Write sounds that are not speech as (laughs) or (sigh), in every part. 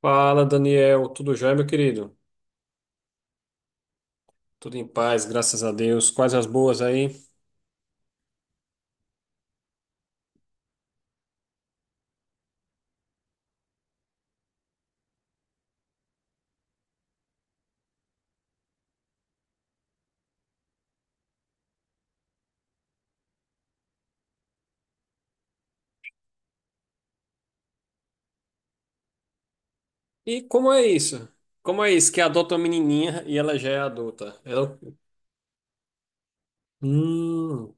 Fala, Daniel. Tudo jóia, meu querido? Tudo em paz, graças a Deus. Quais as boas aí? E como é isso? Como é isso que adota uma menininha e ela já é adulta? Ela... Hum,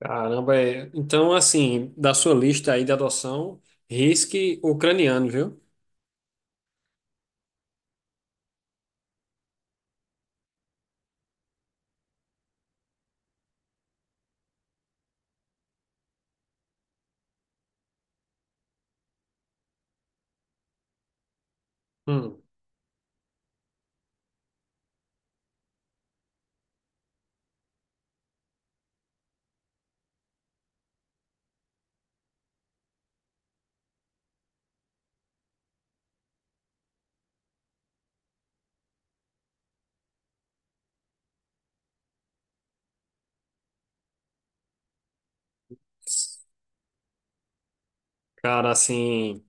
caramba. É. Então, assim, da sua lista aí de adoção, risque ucraniano, viu? Hum, cara, assim,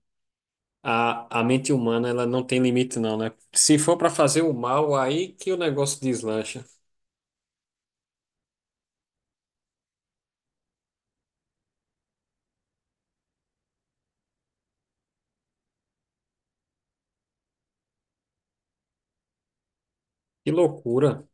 a mente humana, ela não tem limite não, né? Se for pra fazer o mal, aí que o negócio deslancha. Que loucura.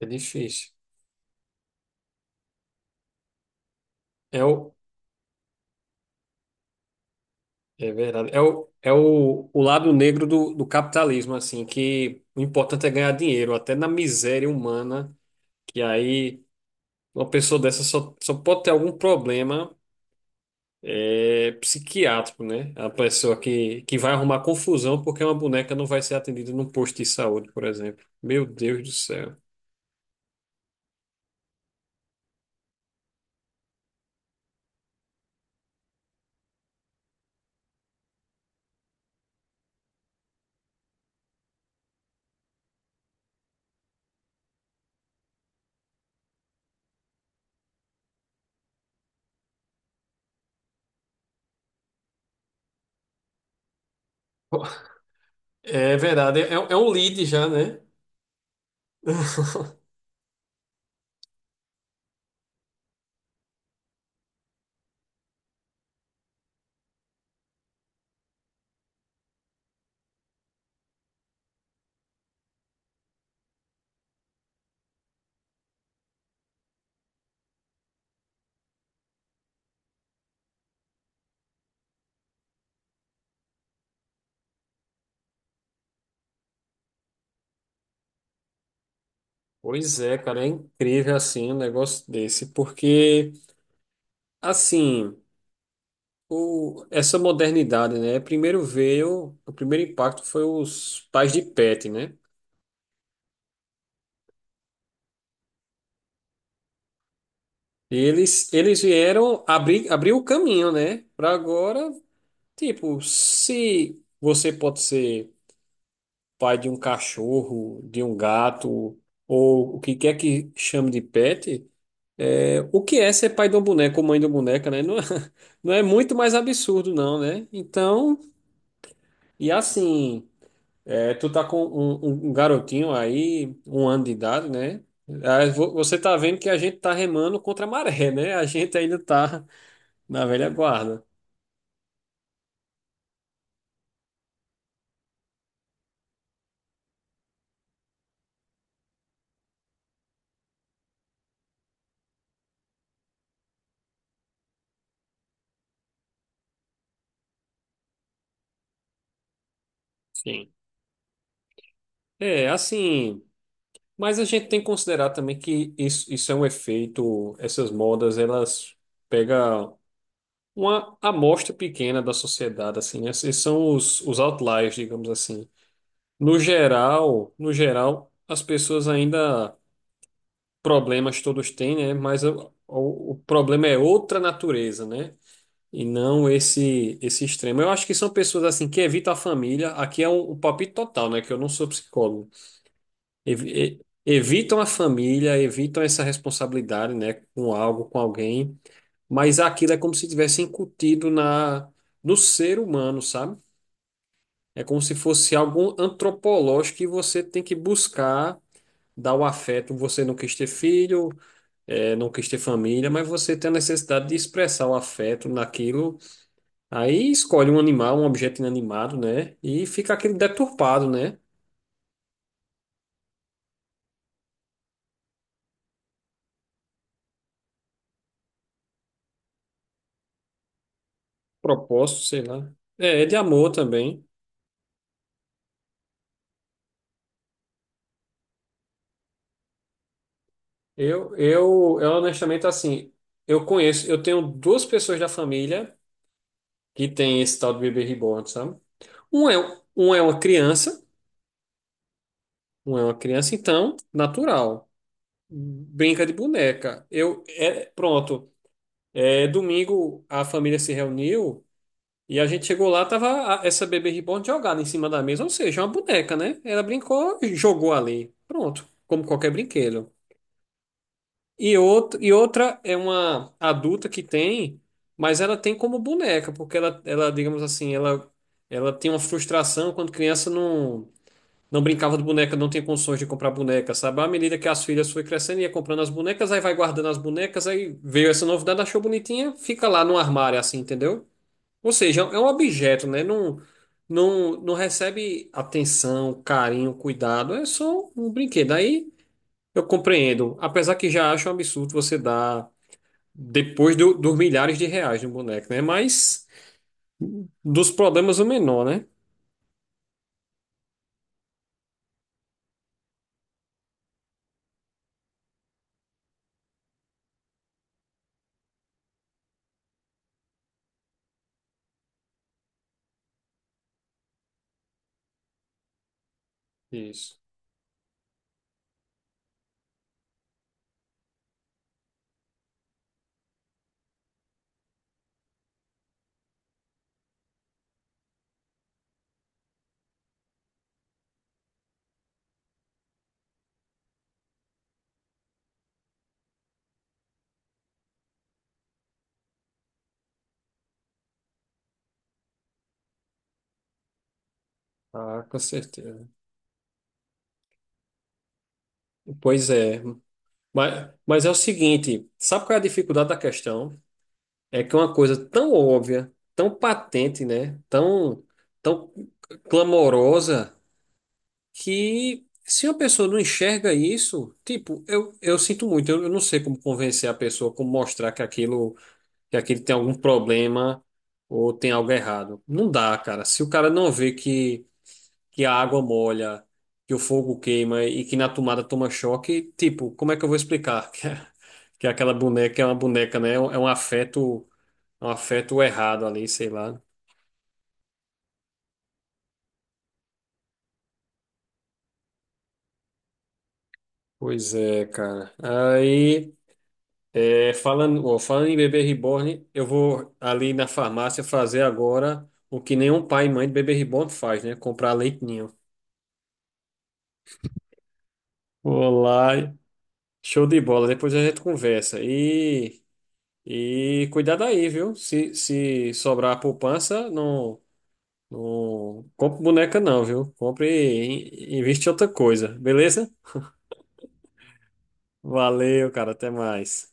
É difícil. É o, É verdade. O lado negro do capitalismo, assim, que o importante é ganhar dinheiro, até na miséria humana, que aí uma pessoa dessa só pode ter algum problema psiquiátrico, né? A pessoa que vai arrumar confusão porque uma boneca não vai ser atendida num posto de saúde, por exemplo. Meu Deus do céu. É verdade, é, é um lead já, né? Pois é, cara, é incrível assim um negócio desse, porque assim. O, essa modernidade, né? Primeiro veio, o primeiro impacto foi os pais de pet, né? E eles vieram abrir o caminho, né? Para agora, tipo, se você pode ser pai de um cachorro, de um gato, ou o que quer que chame de pet, é, o que é ser pai de um boneco ou mãe de uma boneca, né? Não, é- (laughs) não é muito mais absurdo, não, né? Então, e assim. É, tu tá com um um garotinho aí, um ano de idade, né? Ah, vo- Você tá vendo que a gente tá remando contra a maré, né? A gente ainda tá na velha guarda. Sim. É, assim, mas a gente tem que considerar também que isso é um efeito, essas modas, elas pegam uma amostra pequena da sociedade, assim, né? Esses são os outliers, digamos assim. No geral, as pessoas ainda problemas todos têm, né? Mas o problema é outra natureza, né? E não esse esse extremo. Eu acho que são pessoas assim que evitam a família. Aqui é um palpite total, né? Que eu não sou psicólogo. Evitam a família, evitam essa responsabilidade, né? Com algo, com alguém. Mas aquilo é como se tivesse incutido na no ser humano, sabe? É como se fosse algo antropológico que você tem que buscar dar o afeto. Você não quis ter filho, é, não quis ter família, mas você tem a necessidade de expressar o afeto naquilo. Aí escolhe um animal, um objeto inanimado, né? E fica aquele deturpado, né? Propósito, sei lá. É, é de amor também. Eu honestamente, assim, eu conheço, eu tenho duas pessoas da família que tem esse tal de bebê reborn, sabe? Um é, um é uma criança, então, natural. Brinca de boneca. Eu, é, pronto. É, domingo a família se reuniu. E a gente chegou lá, tava essa bebê reborn jogada em cima da mesa, ou seja, uma boneca, né? Ela brincou e jogou ali. Pronto, como qualquer brinquedo. E, outro e outra é uma adulta que tem, mas ela tem como boneca, porque ela digamos assim, ela tem uma frustração quando criança não brincava de boneca, não tinha condições de comprar boneca, sabe? À medida que as filhas foi crescendo, ia comprando as bonecas, aí vai guardando as bonecas, aí veio essa novidade, achou bonitinha, fica lá no armário, assim, entendeu? Ou seja, é um objeto, né? Não, não recebe atenção, carinho, cuidado. É só um brinquedo. Aí eu compreendo. Apesar que já acho um absurdo você dar dos milhares de reais no boneco, né? Mas dos problemas o menor, né? Isso. Ah, com certeza. Pois é. Mas é o seguinte, sabe qual é a dificuldade da questão? É que é uma coisa tão óbvia, tão patente, né? Tão clamorosa que se uma pessoa não enxerga isso, tipo, eu sinto muito, eu não sei como convencer a pessoa, como mostrar que aquilo tem algum problema ou tem algo errado. Não dá, cara. Se o cara não vê que a água molha, que o fogo queima e que na tomada toma choque, tipo, como é que eu vou explicar (laughs) que é aquela boneca é uma boneca, né? É um afeto errado ali, sei lá. Pois é, cara. Aí. É, falando, ó, falando em bebê reborn, eu vou ali na farmácia fazer agora o que nenhum pai e mãe de bebê reborn faz, né? Comprar leite ninho. Olá, show de bola. Depois a gente conversa. E cuidado aí, viu? Se sobrar poupança, não compre boneca, não, viu? Compre e investe em outra coisa, beleza? Valeu, cara. Até mais.